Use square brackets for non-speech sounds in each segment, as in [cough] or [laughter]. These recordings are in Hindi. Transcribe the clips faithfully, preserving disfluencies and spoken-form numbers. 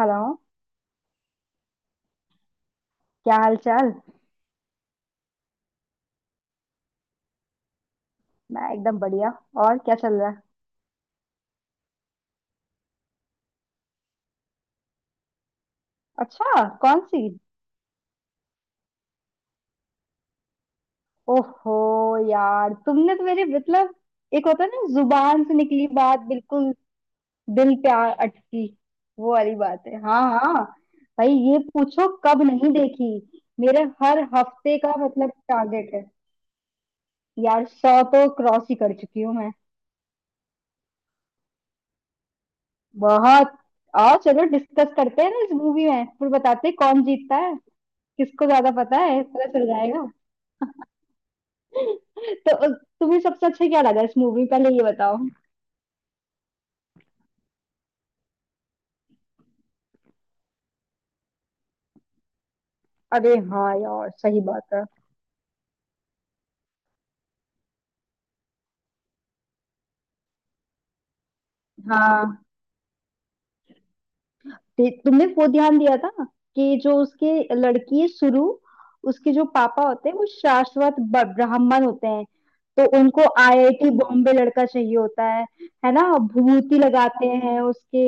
हेलो। क्या हाल चाल? मैं एकदम बढ़िया। और क्या चल रहा है? अच्छा, कौन सी? ओहो यार, तुमने तो मेरी मतलब, एक होता है ना जुबान से निकली बात बिल्कुल दिल पे आ अटकी, वो वाली बात है। हाँ हाँ। भाई ये पूछो कब नहीं देखी। मेरे हर हफ्ते का मतलब टारगेट है। यार सौ तो क्रॉस ही कर चुकी हूँ मैं। बहुत। आओ चलो डिस्कस करते हैं ना, इस मूवी में फिर बताते हैं कौन जीतता है, किसको ज्यादा पता है पता चल जाएगा। तो अ, तुम्हें सबसे अच्छा क्या लगा इस मूवी में? पहले ये बताओ। अरे हाँ यार, सही बात है। ते- तुमने वो ध्यान दिया था कि जो उसके लड़की है शुरू, उसके जो पापा होते हैं वो शाश्वत ब- ब्राह्मण होते हैं, तो उनको आई आई टी बॉम्बे लड़का चाहिए होता है। है ना? भूत ही लगाते हैं उसके।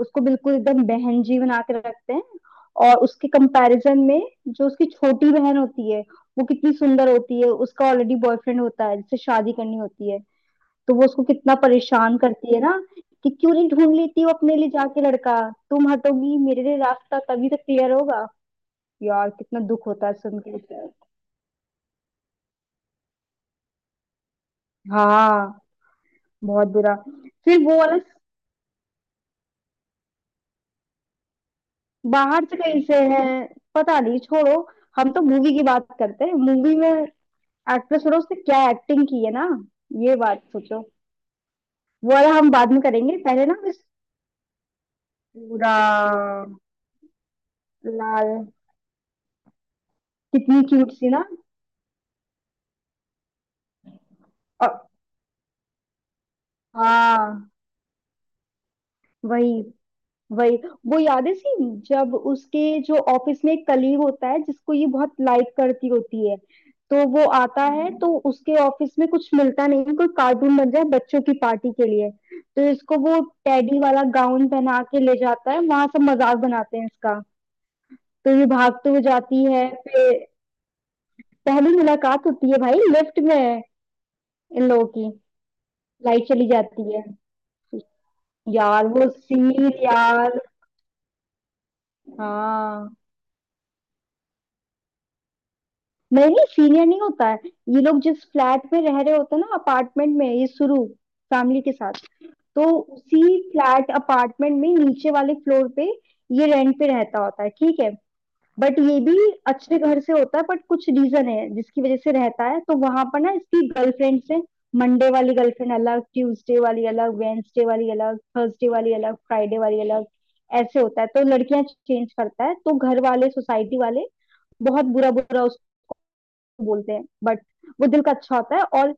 उसको बिल्कुल एकदम बहन जी बना के रखते हैं। और उसके कंपैरिजन में, जो उसकी छोटी बहन होती है वो कितनी सुंदर होती है, उसका ऑलरेडी बॉयफ्रेंड होता है जिससे शादी करनी होती है, तो वो उसको कितना परेशान करती है ना कि क्यों नहीं ढूंढ लेती हो अपने लिए जाके लड़का, तुम हटोगी मेरे लिए रास्ता तभी तो क्लियर होगा। यार कितना दुख होता है सुन के। हाँ, बहुत बुरा। फिर वो वाला बाहर से कहीं से है, पता नहीं, छोड़ो। हम तो मूवी की बात करते हैं, मूवी में एक्ट्रेस, और उसने क्या एक्टिंग की है ना, ये बात सोचो। वो वाला हम बाद में करेंगे, पहले ना बस पूरा लाल, कितनी क्यूट सी ना। और हाँ, वही वही। वो याद है सीन जब उसके जो ऑफिस में एक कलीग होता है जिसको ये बहुत लाइक करती होती है? तो वो आता है, हम्म, तो उसके ऑफिस में कुछ मिलता नहीं है, कोई कार्टून बन जाए बच्चों की पार्टी के लिए तो इसको वो टेडी वाला गाउन पहना के ले जाता है, वहां सब मजाक बनाते हैं इसका। तो ये भागते हुए जाती है, फिर पहली मुलाकात होती है भाई लिफ्ट में, इन लोगों की। लाइट चली जाती है। यार वो सीन यार। हाँ, नहीं सीनियर नहीं होता है। ये लोग जिस फ्लैट में रह रहे होते हैं ना अपार्टमेंट में, ये शुरू फैमिली के साथ, तो उसी फ्लैट अपार्टमेंट में नीचे वाले फ्लोर पे ये रेंट पे रहता होता है, ठीक है? बट ये भी अच्छे घर से होता है, बट कुछ रीजन है जिसकी वजह से रहता है। तो वहां पर ना इसकी गर्लफ्रेंड से, मंडे वाली गर्लफ्रेंड अलग, ट्यूसडे वाली अलग, वेंसडे वाली अलग, थर्सडे वाली अलग, फ्राइडे वाली अलग, ऐसे होता है, तो लड़कियां चेंज करता है तो घर वाले सोसाइटी वाले बहुत बुरा बुरा बोलते हैं। बट वो दिल का अच्छा होता है, और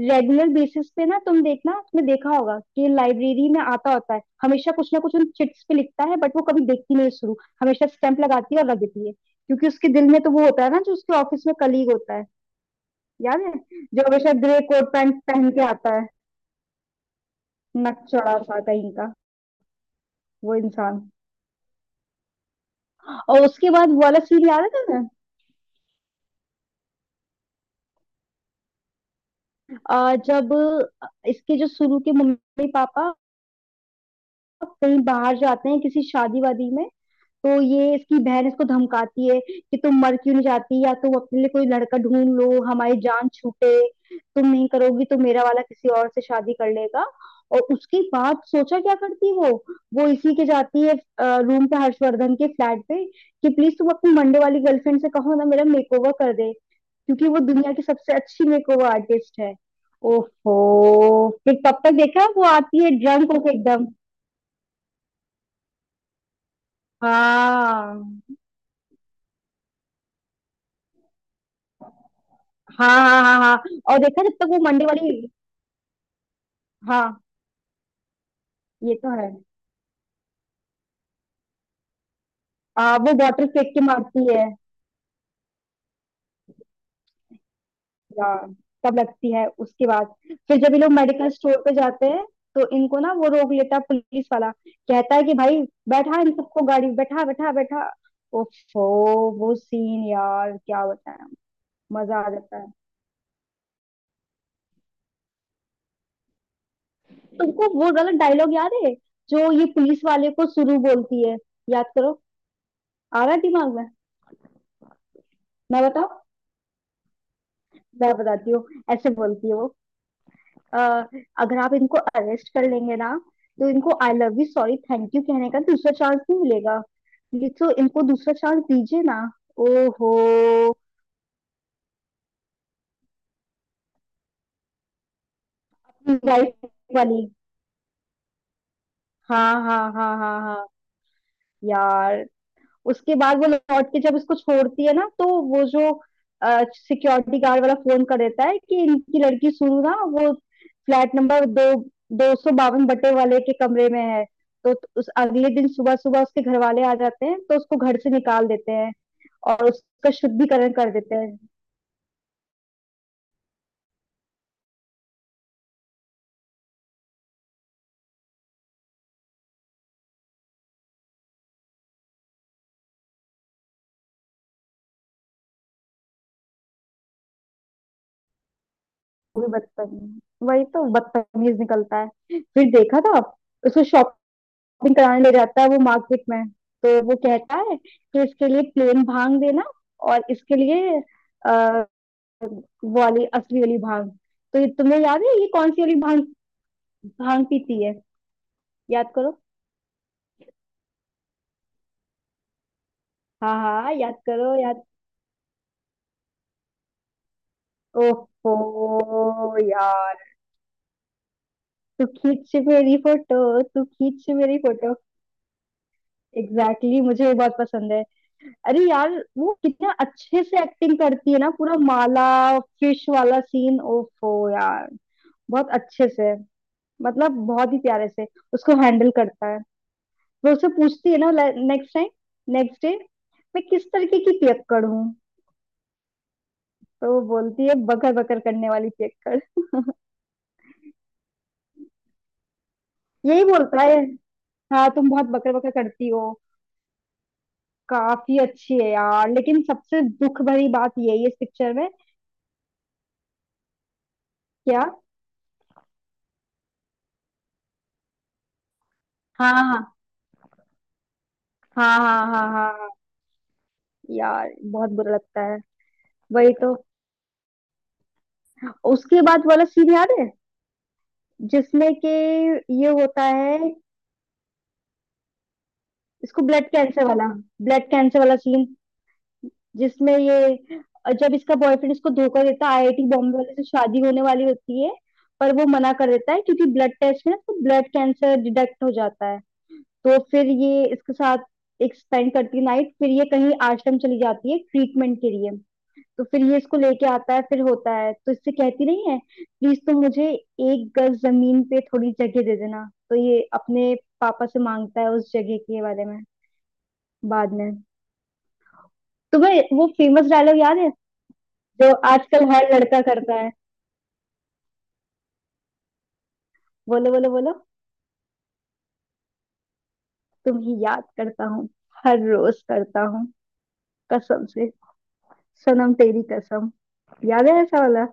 रेगुलर बेसिस पे ना तुम देखना, तुमने देखा होगा कि लाइब्रेरी में आता होता है, हमेशा कुछ ना कुछ उन चिट्स पे लिखता है, बट वो कभी देखती नहीं है शुरू, हमेशा स्टैंप लगाती है और रख देती है क्योंकि उसके दिल में तो वो होता है ना, जो उसके ऑफिस में कलीग होता है, याद है, जो हमेशा ग्रे कोट पैंट पहन के आता है, नकचड़ा सा कहीं का वो इंसान। और उसके बाद वो वाला सीन याद है तुम्हें? अ, जब इसके जो शुरू के मम्मी पापा कहीं बाहर जाते हैं किसी शादी वादी में, तो ये इसकी बहन इसको धमकाती है कि तुम मर क्यों नहीं जाती, या तुम अपने लिए कोई लड़का ढूंढ लो हमारी जान छूटे, तुम नहीं करोगी तो मेरा वाला किसी और से शादी कर लेगा। और उसके बाद सोचा क्या करती वो वो इसी के जाती है रूम पे हर्षवर्धन के फ्लैट पे, कि प्लीज तुम अपनी मंडे वाली गर्लफ्रेंड से कहो ना मेरा मेकओवर कर दे क्योंकि वो दुनिया की सबसे अच्छी मेकओवर आर्टिस्ट है। ओहो, फिर तब तक देखा वो आती है ड्रंक होके एकदम। हाँ हाँ हाँ हाँ हाँ। और देखा जब तक वो मंडे वाली, हाँ, ये तो है। आ, वो वाटर फेंक के मारती है। यार तब लगती है उसके बाद। फिर जब ये लोग मेडिकल स्टोर पे जाते हैं तो इनको ना वो रोक लेता है पुलिस वाला, कहता है कि भाई बैठा इन सबको गाड़ी में, बैठा बैठा बैठा, ओफो वो सीन यार क्या बताएं। मजा आ जाता है। तुमको वो वाला डायलॉग याद है जो ये पुलिस वाले को सुरु बोलती है? याद करो, आ रहा है दिमाग में? मैं बताओ, मैं बताती हूँ। ऐसे बोलती है वो, अ, अगर आप इनको अरेस्ट कर लेंगे ना तो इनको I love you sorry thank you कहने का दूसरा चांस नहीं मिलेगा, ये तो इनको दूसरा चांस दीजिए ना। ओहो। हम्म, लाइफ वाली। हाँ हाँ हाँ हाँ हाँ हाँ, यार उसके बाद वो लौट के जब उसको छोड़ती है ना, तो वो जो सिक्योरिटी गार्ड वाला फोन कर देता है कि इनकी लड़की सुनू ना वो फ्लैट नंबर दो दो सौ बावन बटे वाले के कमरे में है। तो उस अगले दिन सुबह सुबह उसके घर वाले आ जाते हैं तो उसको घर से निकाल देते हैं, और उसका शुद्धिकरण कर देते हैं। वो भी बदतमीज, वही तो बदतमीज निकलता है। फिर देखा था, उसको शॉप शॉपिंग कराने ले जाता है वो मार्केट में, तो वो कहता है कि इसके लिए प्लेन भांग देना, और इसके लिए अ, वो वाली असली वाली भांग। तो ये तुम्हें याद है, ये कौन सी वाली भांग? भांग पीती है। याद करो। हाँ, हाँ याद करो, याद। ओहो यार, तू खींच मेरी फोटो, तू खींच मेरी फोटो। एग्जैक्टली exactly, मुझे वो बहुत पसंद है। अरे यार, वो कितना अच्छे से एक्टिंग करती है ना, पूरा माला फिश वाला सीन। ओफो यार, बहुत अच्छे से, मतलब बहुत ही प्यारे से उसको हैंडल करता है। वो उससे पूछती है ना नेक्स्ट टाइम, नेक्स्ट डे, मैं किस तरीके की पियक्कड़ हूँ? तो वो बोलती है बकर बकर करने वाली पियक्कड़। [laughs] यही बोलता है, हाँ तुम बहुत बकर बकर करती हो। काफी अच्छी है यार, लेकिन सबसे दुख भरी बात यही है इस पिक्चर में। क्या? हाँ हाँ हाँ हाँ हाँ हाँ। यार बहुत बुरा लगता है, वही तो। उसके बाद वाला सीन याद है जिसमें कि ये होता है, इसको ब्लड कैंसर वाला, ब्लड कैंसर वाला सीन? जिसमें ये, जब इसका बॉयफ्रेंड इसको धोखा देता है, आई आई टी बॉम्बे वाले से शादी होने वाली होती है पर वो मना कर देता है क्योंकि ब्लड टेस्ट में उसको ब्लड कैंसर डिटेक्ट हो जाता है। तो फिर ये इसके साथ एक स्पेंड करती है नाइट, फिर ये कहीं आश्रम चली जाती है ट्रीटमेंट के लिए। तो फिर ये इसको लेके आता है, फिर होता है तो इससे कहती नहीं है, प्लीज तुम मुझे एक गज जमीन पे थोड़ी जगह दे देना। तो ये अपने पापा से मांगता है उस जगह के बारे में बाद में। तुम्हें वो फेमस डायलॉग याद है जो आजकल हर लड़का करता है? बोलो बोलो बोलो। तुम ही याद करता हूँ, हर रोज करता हूँ, कसम से, सनम तेरी कसम। याद है ऐसा वाला?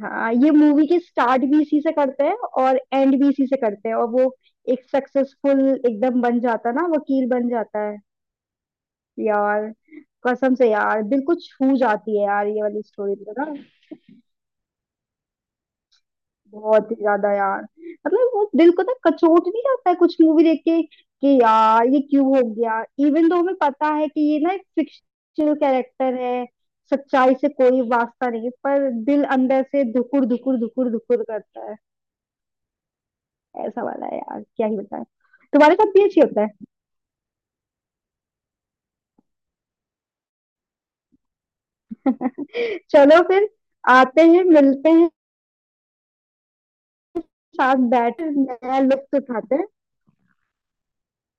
हाँ, ये मूवी के स्टार्ट भी इसी से करते हैं और एंड भी इसी से करते हैं, और वो एक सक्सेसफुल एकदम बन जाता है ना, वकील बन जाता है। यार कसम से यार, दिल को छू जाती है यार ये वाली स्टोरी तो ना। बहुत ही ज्यादा यार, मतलब वो दिल को ना कचोट नहीं जाता है कुछ मूवी देख के कि यार ये क्यों हो गया? इवन तो हमें पता है कि ये ना एक फिक्शनल कैरेक्टर है, सच्चाई से कोई वास्ता नहीं, पर दिल अंदर से धुकुर धुकुर धुकुर धुकुर करता है। ऐसा वाला है यार, क्या ही बताएं। तुम्हारे साथ भी अच्छी होता है। [laughs] चलो फिर, आते हैं मिलते हैं, साथ बैठ नया लुत्फ उठाते हैं।